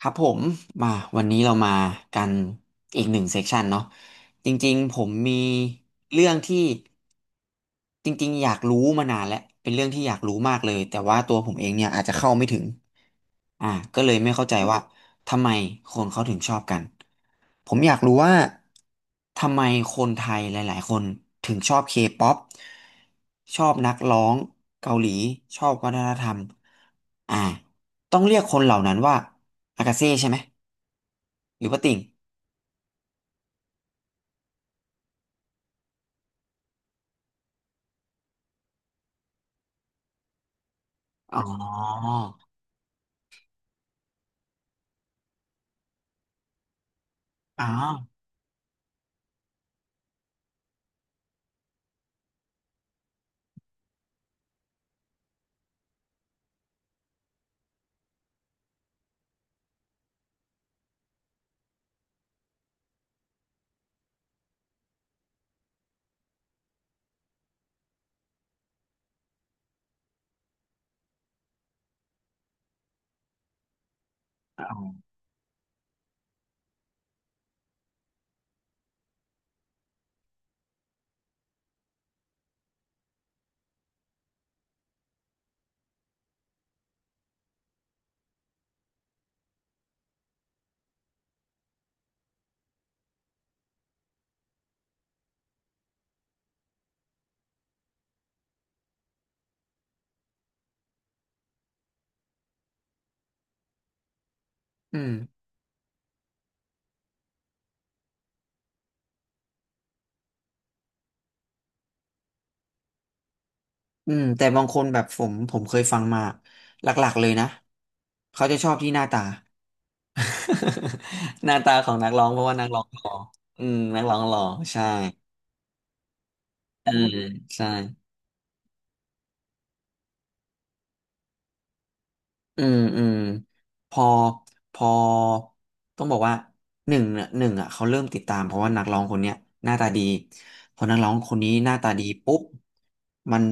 ครับผมมาวันนี้เรามากันอีกหนึ่งเซกชันเนาะจริงๆผมมีเรื่องที่จริงๆอยากรู้มานานแล้วเป็นเรื่องที่อยากรู้มากเลยแต่ว่าตัวผมเองเนี่ยอาจจะเข้าไม่ถึงอ่าก็เลยไม่เข้าใจว่าทำไมคนเขาถึงชอบกันผมอยากรู้ว่าทำไมคนไทยหลายๆคนถึงชอบเคป๊อปชอบนักร้องเกาหลีชอบวัฒนธรรมอ่าต้องเรียกคนเหล่านั้นว่าอากาเซ่ใช่ไหม หรือว่าติ่งอ๋ออ๋ออ๋ออืมอืมแต่บางคนแบบผมเคยฟังมาหลักๆเลยนะ เขาจะชอบที่หน้าตา หน้าตาของนักร้องเพราะว่านักร้องหล่ออืม นักร้องหล่อใช่เอืมใช่ อืมอืมพอพอต้องบอกว่าหนึ่งเนี่ยหนึ่งอ่ะเขาเริ่มติดตามเพราะว่านักร้องคนเนี้ยหน้าตาดีพอนักร้องคนนี้หน้าตาดีปุ๊บมัน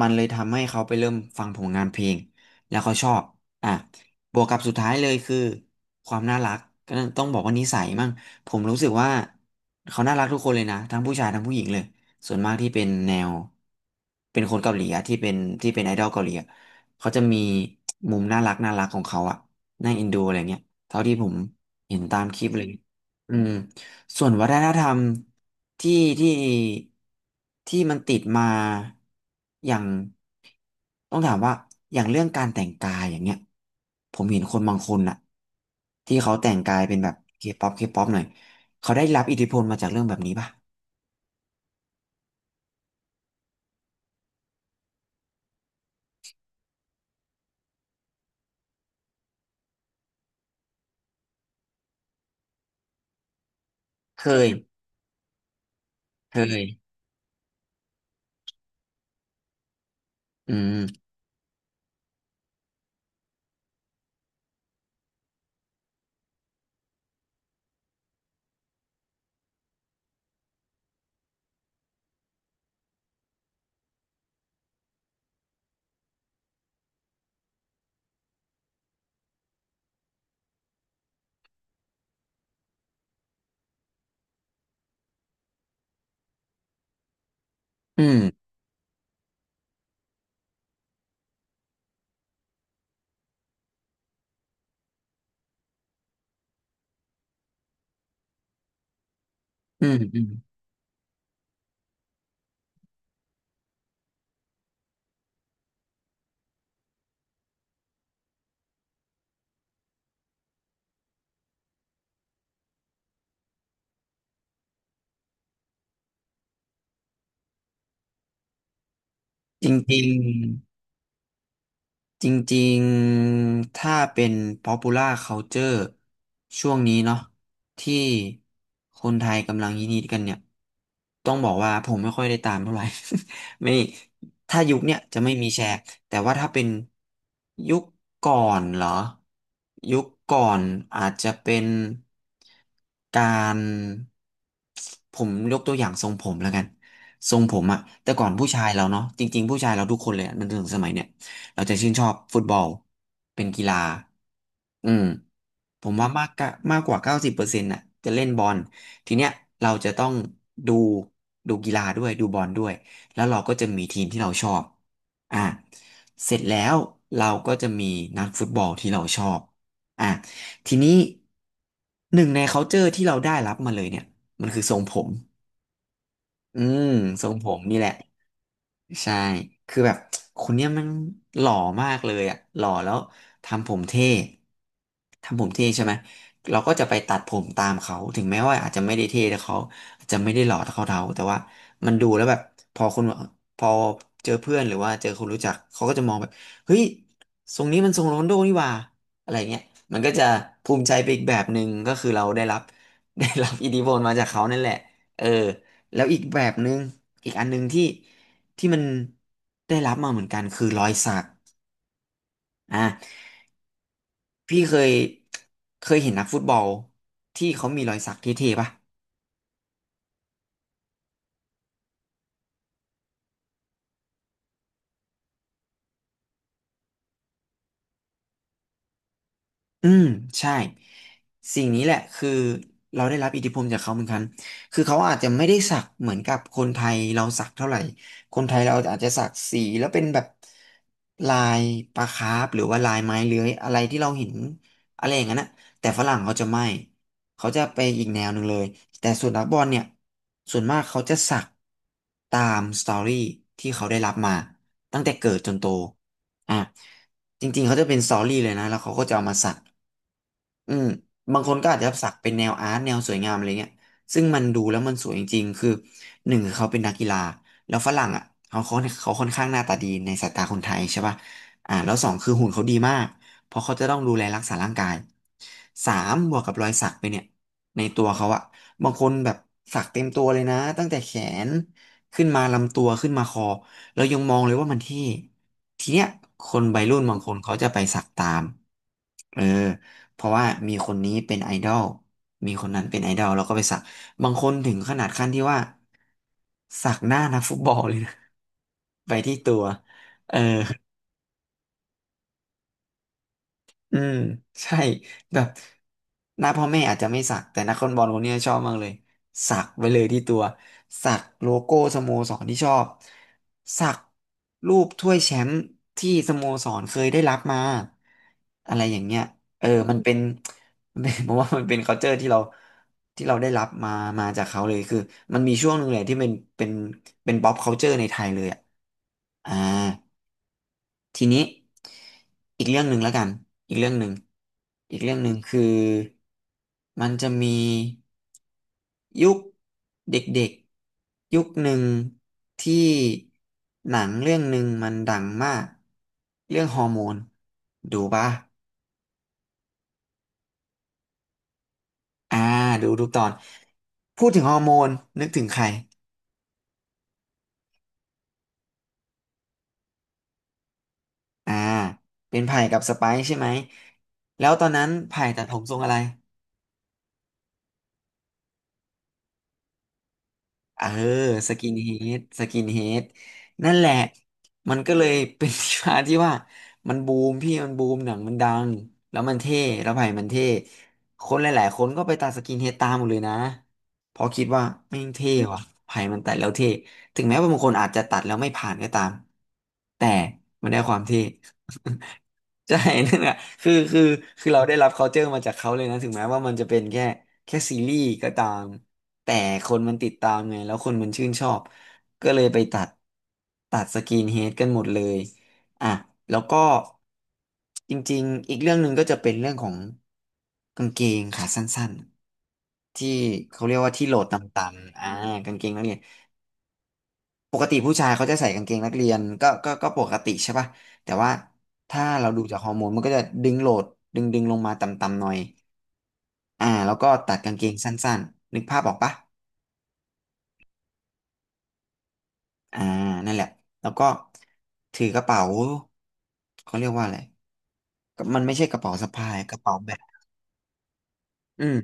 มันเลยทำให้เขาไปเริ่มฟังผลงานเพลงแล้วเขาชอบอ่ะบวกกับสุดท้ายเลยคือความน่ารักก็ต้องบอกว่านิสัยมั่งผมรู้สึกว่าเขาน่ารักทุกคนเลยนะทั้งผู้ชายทั้งผู้หญิงเลยส่วนมากที่เป็นแนวเป็นคนเกาหลีอะที่เป็นที่เป็นไอดอลเกาหลีอะ เขาจะมีมุมน่ารักน่ารักของเขาอะน่าเอ็นดูอะไรเงี้ย เท่าที่ผมเห็นตามคลิปเลยอืมส่วนวัฒนธรรมที่ที่ที่มันติดมาอย่างต้องถามว่าอย่างเรื่องการแต่งกายอย่างเงี้ยผมเห็นคนบางคนอะที่เขาแต่งกายเป็นแบบเคป๊อปเคป๊อปหน่อยเขาได้รับอิทธิพลมาจากเรื่องแบบนี้ป่ะเคยเคยอืมอืมอืมอืมจริงจริง จริงๆ ถ้าเป็น popular culture ช่วงนี้เนาะที่คนไทยกำลังฮิตๆกันเนี่ยต้องบอกว่าผมไม่ค่อยได้ตามเท่าไหร่ ไม่ถ้ายุคเนี่ยจะไม่มีแชร์แต่ว่าถ้าเป็นยุคก่อนเหรอยุคก่อนอาจจะเป็นการผมยกตัวอย่างทรงผมแล้วกันทรงผมอะแต่ก่อนผู้ชายเราเนาะจริงๆผู้ชายเราทุกคนเลยอะจนถึงสมัยเนี่ย เราจะชื่นชอบฟุตบอลเป็นกีฬาอืมผมว่ามากกว่า90%น่ะจะเล่นบอลทีเนี้ยเราจะต้องดูดูกีฬาด้วยดูบอลด้วยแล้วเราก็จะมีทีมที่เราชอบอ่ะเสร็จแล้วเราก็จะมีนักฟุตบอลที่เราชอบอ่ะทีนี้หนึ่งใน culture ที่เราได้รับมาเลยเนี่ยมันคือทรงผมอืมทรงผมนี่แหละ ใช่คือแบบคนเนี้ยมันหล่อมากเลยอ่ะหล่อแล้วทำผมเท่ทำผมเท่ใช่ไหมเราก็จะไปตัดผมตามเขา ถึงแม้ว่าอาจจะไม่ได้เท่แต่เขาอาจจะไม่ได้หล่อเท่าเขาแต่ว่ามันดูแล้วแบบพอคนพอเจอเพื่อนหรือว่าเจอคนรู้จักเขาก็จะมองแบบเฮ้ยทรงนี้มันทรงโรนลโดนี่หว่าอะไรเงี้ยมันก็จะภูมิใจไปอีกแบบหนึ่งก็คือเราได้รับ ได้รับอิทธิพลมาจากเขานั่นแหละเออแล้วอีกแบบหนึ่งอีกอันหนึ่งที่มันได้รับมาเหมือนกันคือรอยสักอ่ะพี่เคยเคยเห็นนักฟุตบอลที่เขามีรอยสักเท่ๆป่ะ อืมใช่สิ่งนี้แหละคือเราได้รับอิทธิพลจากเขาเหมือนกันคือเขาอาจจะไม่ได้สักเหมือนกับคนไทยเราสักเท่าไหร่คนไทยเราอาจจะสักสีแล้วเป็นแบบลายปลาคาร์ฟหรือว่าลายไม้เลื้อยอะไรที่เราเห็นอะไรอย่างนั้นนะแต่ฝรั่งเขาจะไม่เขาจะไปอีกแนวหนึ่งเลยแต่ส่วนนักบอลเนี่ยส่วนมากเขาจะสักตามสตอรี่ที่เขาได้รับมาตั้งแต่เกิดจนโตอ่ะ จริงๆเขาจะเป็นสตอรี่เลยนะแล้วเขาก็จะเอามาสักอืมบางคนก็อาจจะสักเป็นแนวอาร์ตแนวสวยงามอะไรเงี้ยซึ่งมันดูแล้วมันสวยจริงๆคือหนึ่งคือเขาเป็นนักกีฬาแล้วฝรั่งอ่ะเขาค่อนข้างหน้าตาดีในสายตาคนไทยใช่ป่ะแล้วสองคือหุ่นเขาดีมากเพราะเขาจะต้องดูแลรักษาร่างกายสามบวกกับรอยสักไปเนี่ยในตัวเขาอ่ะบางคนแบบสักเต็มตัวเลยนะตั้งแต่แขนขึ้นมาลำตัวขึ้นมาคอเรายังมองเลยว่ามันเท่ ทีเนี้ยคนวัยรุ่นบางคนเขาจะไปสักตามเออเพราะว่ามีคนนี้เป็นไอดอล มีคนนั้นเป็นไอดอลแล้วก็ไปสัก บางคนถึงขนาดขั้นที่ว่าสักหน้านักฟุตบอลเลยนะ ไปที่ตัวเออ อืมใช่แบบหน้าพ่อแม่อาจจะไม่สักแต่นักฟุบอลคนเนี้ยชอบมากเลยสักไว้เลยที่ตัวสักโลโก้สโมสรที่ชอบสักรูปถ้วยแชมป์ที่สโมสรเคยได้รับมาอะไรอย่างเงี้ยเออมันเป็น มันเป็น ผมว่ามันเป็น culture ที่เราได้รับมามาจากเขาเลยคือมันมีช่วงหนึ่งเลยที่เป็น pop culture ในไทยเลยอะอ่า ทีนี้อีกเรื่องหนึ่งแล้วกันอีกเรื่องหนึ่งอีกเรื่องหนึ่งคือมันจะมียุคเด็กๆยุคหนึ่งที่หนังเรื่องหนึ่งมันดังมากเรื่องฮอร์โมนดูปะอ่าดูทุกตอนพูดถึงฮอร์โมนนึกถึงใครอ่าเป็นไผ่กับสไปซ์ใช่ไหมแล้วตอนนั้นไผ่ตัดผมทรงอะไร เออสกินเฮดสกินเฮดนั่นแหละมันก็เลยเป็น ที่มาที่ว่ามันบูมพี่มันบูมหนังมันดังแล้วมันเท่แล้วไผ่มันเท่คนหลายๆคนก็ไปตัดสกินเฮดตามหมดเลยนะเพราะคิดว่าแม่งเท่ว่ะไผ่มันตัดแล้วเท่ถึงแม้ว่าบางคนอาจจะตัดแล้วไม่ผ่านก็ตามแต่มันได้ความเท่ ใช่ นั่นแหละคือคือคือเราได้รับ culture มาจากเขาเลยนะถึงแม้ว่ามันจะเป็นแค่แค่ซีรีส์ก็ตามแต่คนมันติดตามไงแล้วคนมันชื่นชอบก็เลยไปตัดสกรีนเฮดกันหมดเลยอ่ะแล้วก็จริงๆอีกเรื่องหนึ่งก็จะเป็นเรื่องของกางเกงขาสั้นๆที่เขาเรียกว่าที่โหลดต่ำๆกางเกงนักเรียน ปกติผู้ชายเขาจะใส่กางเกงนักเรียนก็ปกติใช่ป่ะแต่ว่าถ้าเราดูจากฮอร์โมนมันก็จะดึงโหลดดึงลงมาต่ำๆหน่อยแล้วก็ตัดกางเกงสั้นๆนึกภาพออกป่ะอ่านั่นแหละแล้วก็ถือกระเป๋าเขาเรียกว่าอะไรก็มันไม่ใช่กระเป๋าสะพายกระเป๋าแบบอืม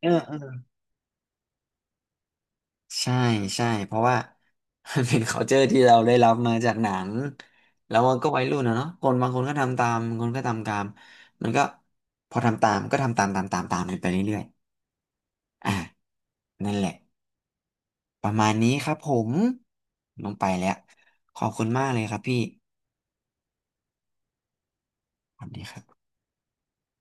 เออ ใช่ใช่เพราะว่า มันเป็น culture ที่เราได้รับมาจากหนังแล้วมันก็วัยรุ่นนะเนาะคนบางคนก็ทำตามบางคนก็ทำตามมันก็พอทำตามก็ทำตามตามกันไปเรื่อยๆอ่ะนั่นแหละประมาณนี้ครับผมลงไปแล้วขอบคุณมากเลยครับพี่สวัสดีครับ